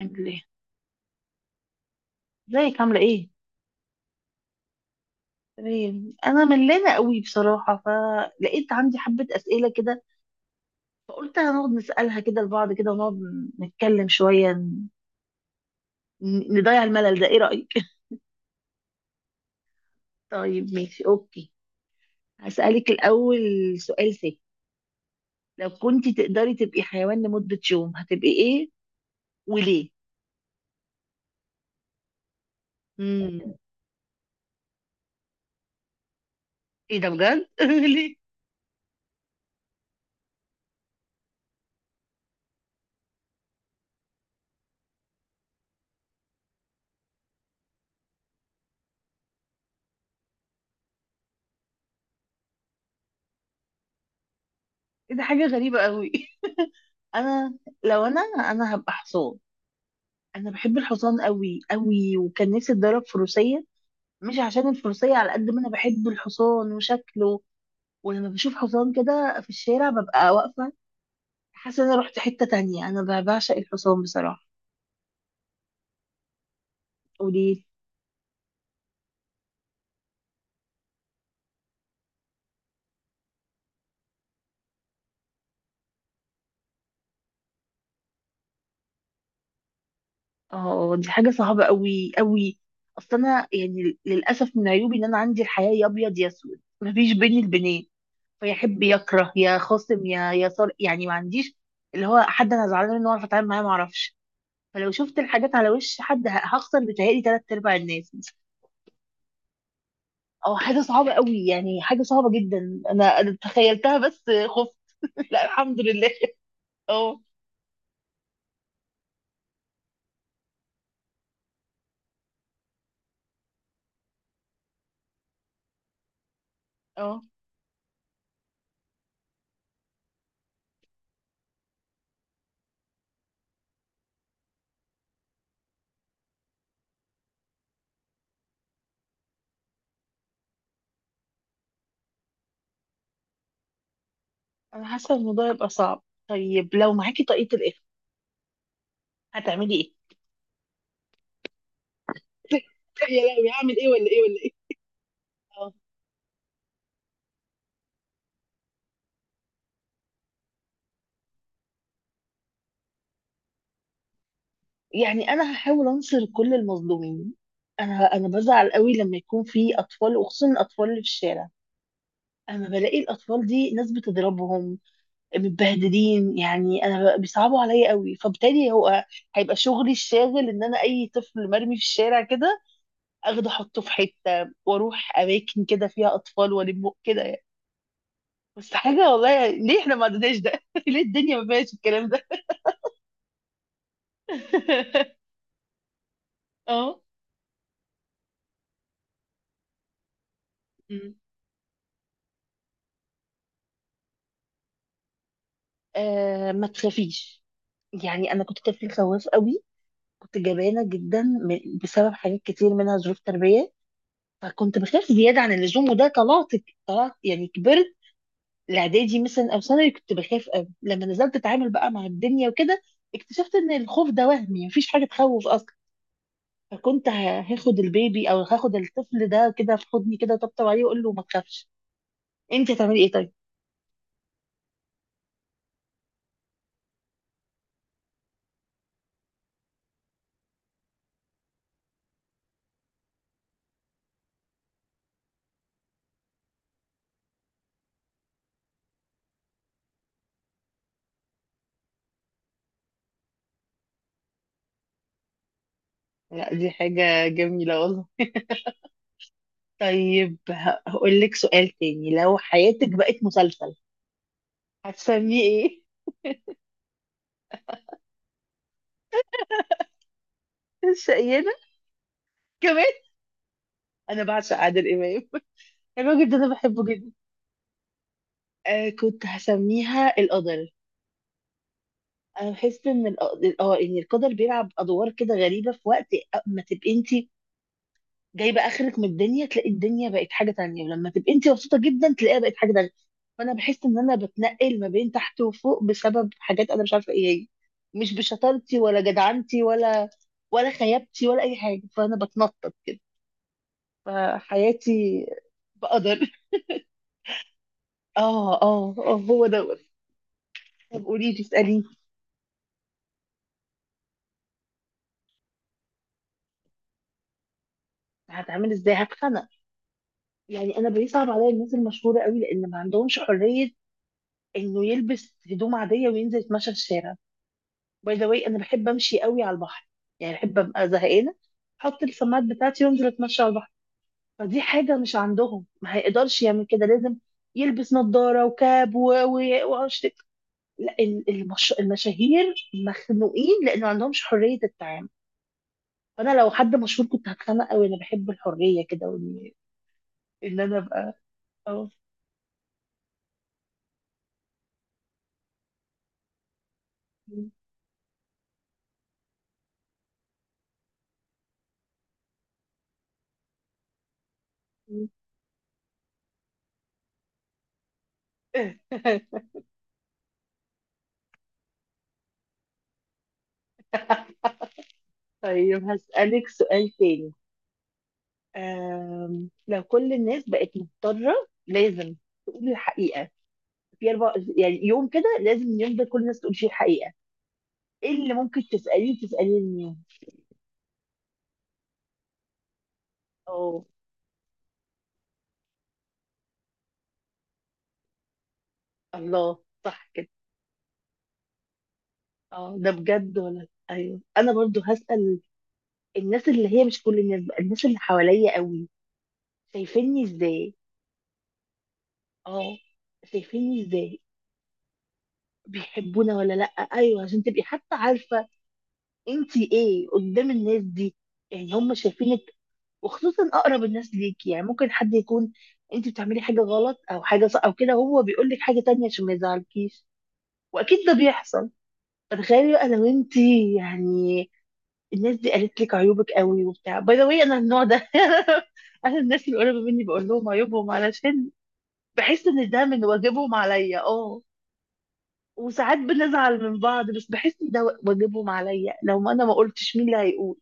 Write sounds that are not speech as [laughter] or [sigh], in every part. عامل ايه؟ ازيك؟ عامله ايه؟ تمام، انا ملانه قوي بصراحه، فلقيت عندي حبه اسئله كده، فقلت هنقعد نسالها كده لبعض كده، ونقعد نتكلم شويه نضيع الملل ده. ايه رايك؟ [laughs] طيب ماشي اوكي، هسالك الاول سؤال سهل. لو كنت تقدري تبقي حيوان لمده يوم، هتبقي ايه؟ وليه؟ امم ايه ده بجد؟ [laughs] ليه؟ إيه ده؟ حاجه غريبه قوي. [laughs] انا؟ لو انا هبقى حصان. انا بحب الحصان قوي قوي، وكان نفسي اتدرب فروسيه. مش عشان الفروسية، على قد ما انا بحب الحصان وشكله. ولما بشوف حصان كده في الشارع ببقى واقفة، حاسة ان انا رحت حتة تانية. انا بعشق الحصان بصراحة. وليه؟ اه دي حاجة صعبة قوي قوي. اصل انا يعني للأسف من عيوبي ان انا عندي الحياة يا ابيض يا اسود، مفيش بيني البنين. فيحب يكره، يا خاصم، يا صار يعني ما عنديش. اللي هو حد انا زعلانة منه واعرف اتعامل معاه، ما اعرفش. فلو شفت الحاجات على وش حد، هخسر بتهيألي تلات ارباع الناس. اه حاجة صعبة قوي، يعني حاجة صعبة جدا. انا تخيلتها بس خفت. [laughs] لا الحمد لله. [laughs] اه، اه. انا حاسة الموضوع يبقى صعب. طيب لو معاكي طاقية الإخفاء، هتعملي ايه؟ [laughs] يا لهوي! هعمل ايه ولا ايه ولا ايه؟ اه، يعني انا هحاول انصر كل المظلومين. انا بزعل قوي لما يكون في اطفال، وخصوصا الاطفال اللي في الشارع، اما بلاقي الاطفال دي ناس بتضربهم متبهدلين. يعني انا بيصعبوا عليا قوي، فبالتالي هو هيبقى شغلي الشاغل ان انا اي طفل مرمي في الشارع كده اخده احطه في حته، واروح اماكن كده فيها اطفال والم كده يعني. بس حاجه والله يعني، ليه احنا ما عندناش ده؟ [laughs] ليه الدنيا ما فيهاش الكلام ده؟ [laughs] اه. مم. آه، ما تخافيش. يعني انا كنت طفل خواف قوي، كنت جبانه جدا بسبب حاجات كتير منها ظروف تربيه، فكنت بخاف زياده عن اللزوم. وده طلعت، طلعت يعني كبرت. الاعدادي مثلا او ثانوي كنت بخاف قوي. لما نزلت اتعامل بقى مع الدنيا وكده، اكتشفت ان الخوف ده وهمي، مفيش حاجه تخوف اصلا. فكنت هاخد البيبي او هاخد الطفل ده كده في حضني كده طبطب عليه واقول له ما تخافش. انت هتعملي ايه طيب؟ لا دي حاجه جميله والله. طيب هقول لك سؤال تاني. لو حياتك بقت مسلسل، هتسميه ايه؟ [laughs] الشقيانة كمان! انا بعشق عادل امام. [laughs] الراجل ده انا بحبه جدا. آه كنت هسميها القدر. أنا بحس ان ان القدر بيلعب ادوار كده غريبه، في وقت ما تبقي انت جايبه اخرك من الدنيا تلاقي الدنيا بقت حاجه تانية، ولما تبقي انت مبسوطه جدا تلاقيها بقت حاجه تانية. فانا بحس ان انا بتنقل ما بين تحت وفوق بسبب حاجات انا مش عارفه ايه هي. مش بشطارتي، ولا جدعنتي، ولا خيابتي، ولا اي حاجه، فانا بتنطط كده. فحياتي بقدر. اه اه اه، هو دوت. طب قولي لي، اسالي. هتعمل ازاي؟ هتخنق. يعني انا بيصعب عليا الناس المشهوره قوي، لان ما عندهمش حريه انه يلبس هدوم عاديه وينزل يتمشى في الشارع. باي ذا واي، انا بحب امشي قوي على البحر، يعني بحب ابقى زهقانه احط السماعات بتاعتي وانزل اتمشى على البحر. فدي حاجه مش عندهم، ما هيقدرش يعمل كده، لازم يلبس نظاره وكاب وعش. لا المشاهير مخنوقين، لان ما عندهمش حريه التعامل. فانا لو حد مشهور كنت هتخانق قوي. انا بحب الحريه كده، ان انا ابقى. أه. [laughs] طيب هسألك سؤال تاني. لو كل الناس بقت مضطرة لازم تقول الحقيقة، في أربع يعني يوم كده لازم اليوم ده كل الناس تقول فيه الحقيقة، إيه اللي ممكن تسأليه اليوم؟ اه. الله. صح كده. اه ده بجد؟ ولا أيوه، أنا برضو هسأل الناس اللي هي مش كل الناس بقى، الناس اللي حواليا قوي، شايفيني إزاي؟ اه. شايفيني إزاي؟ بيحبونا ولا لأ؟ أيوه، عشان تبقي حتى عارفة أنتي إيه قدام الناس دي. يعني هم شايفينك، وخصوصا اقرب الناس ليك. يعني ممكن حد يكون انت بتعملي حاجه غلط او حاجه صح او كده هو بيقول لك حاجه تانية عشان ما يزعلكيش. واكيد ده بيحصل. فتخيلي بقى لو انت يعني الناس دي قالت لك عيوبك قوي وبتاع. باي ذا واي، انا النوع ده، [laughs] انا الناس اللي قريبه مني بقول لهم عيوبهم علشان بحس ان ده من واجبهم عليا. اه. وساعات بنزعل من بعض بس بحس ان ده واجبهم عليا، لو ما انا ما قلتش مين اللي هيقول؟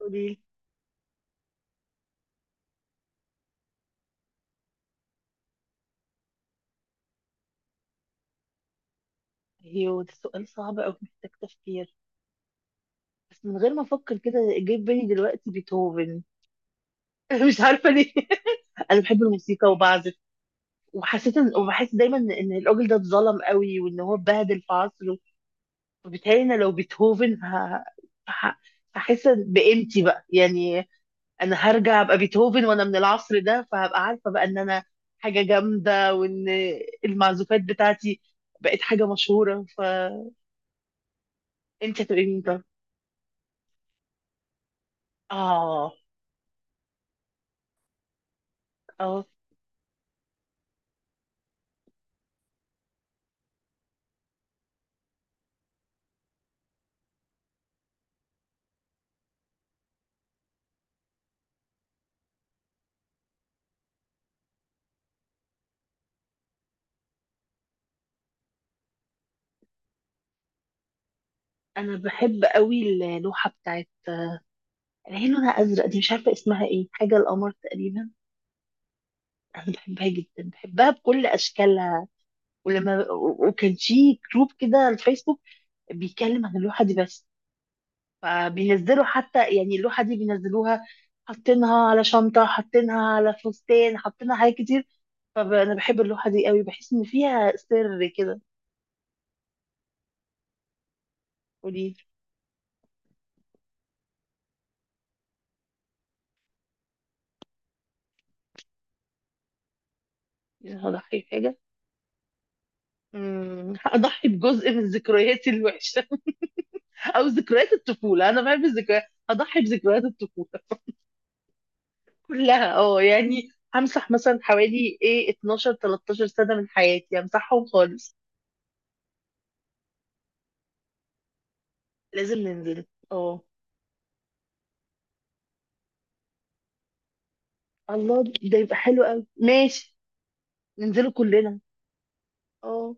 قولي لي. ايوه ده سؤال صعب قوي، محتاج تفكير. بس من غير ما افكر كده جه في بالي دلوقتي بيتهوفن. [laughs] مش عارفه ليه. [laughs] انا بحب الموسيقى وبعزف. وبحس دايما ان الراجل ده اتظلم قوي، وان هو اتبهدل في عصره. فبالتالي انا لو بيتهوفن ه- هحس بقيمتي بقى يعني. انا هرجع ابقى بيتهوفن وانا من العصر ده، فهبقى عارفه بقى ان انا حاجه جامده، وان المعزوفات بتاعتي بقت حاجه مشهوره. فانت هتبقي مين طب؟ اه اه. انا بحب قوي اللوحه بتاعت اللي هي لونها ازرق دي، مش عارفه اسمها ايه، حاجه القمر تقريبا. انا بحبها جدا، بحبها بكل اشكالها. وكان في جروب كده على الفيسبوك بيتكلم عن اللوحه دي بس. فبينزلوا حتى يعني اللوحه دي بينزلوها، حاطينها على شنطه، حاطينها على فستان، حاطينها حاجات كتير. فانا بحب اللوحه دي قوي، بحس ان فيها سر كده. قولي لي. هضحي بحاجه. هضحي بجزء من ذكرياتي الوحشه. [laughs] او ذكريات الطفوله، انا بحب الذكريات. هضحي بذكريات الطفوله كلها. اه يعني همسح مثلا حوالي ايه 12 13 سنة من حياتي، همسحهم خالص. لازم ننزل. اه الله ده يبقى حلو قوي، ماشي. ننزله كلنا. اه.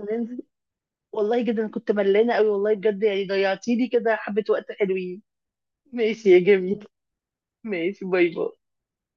ننزل. والله جدا أنا كنت ملانة قوي والله بجد، يعني ضيعتي لي كده حبة وقت حلوين. ماشي يا جميل. ماشي. باي باي.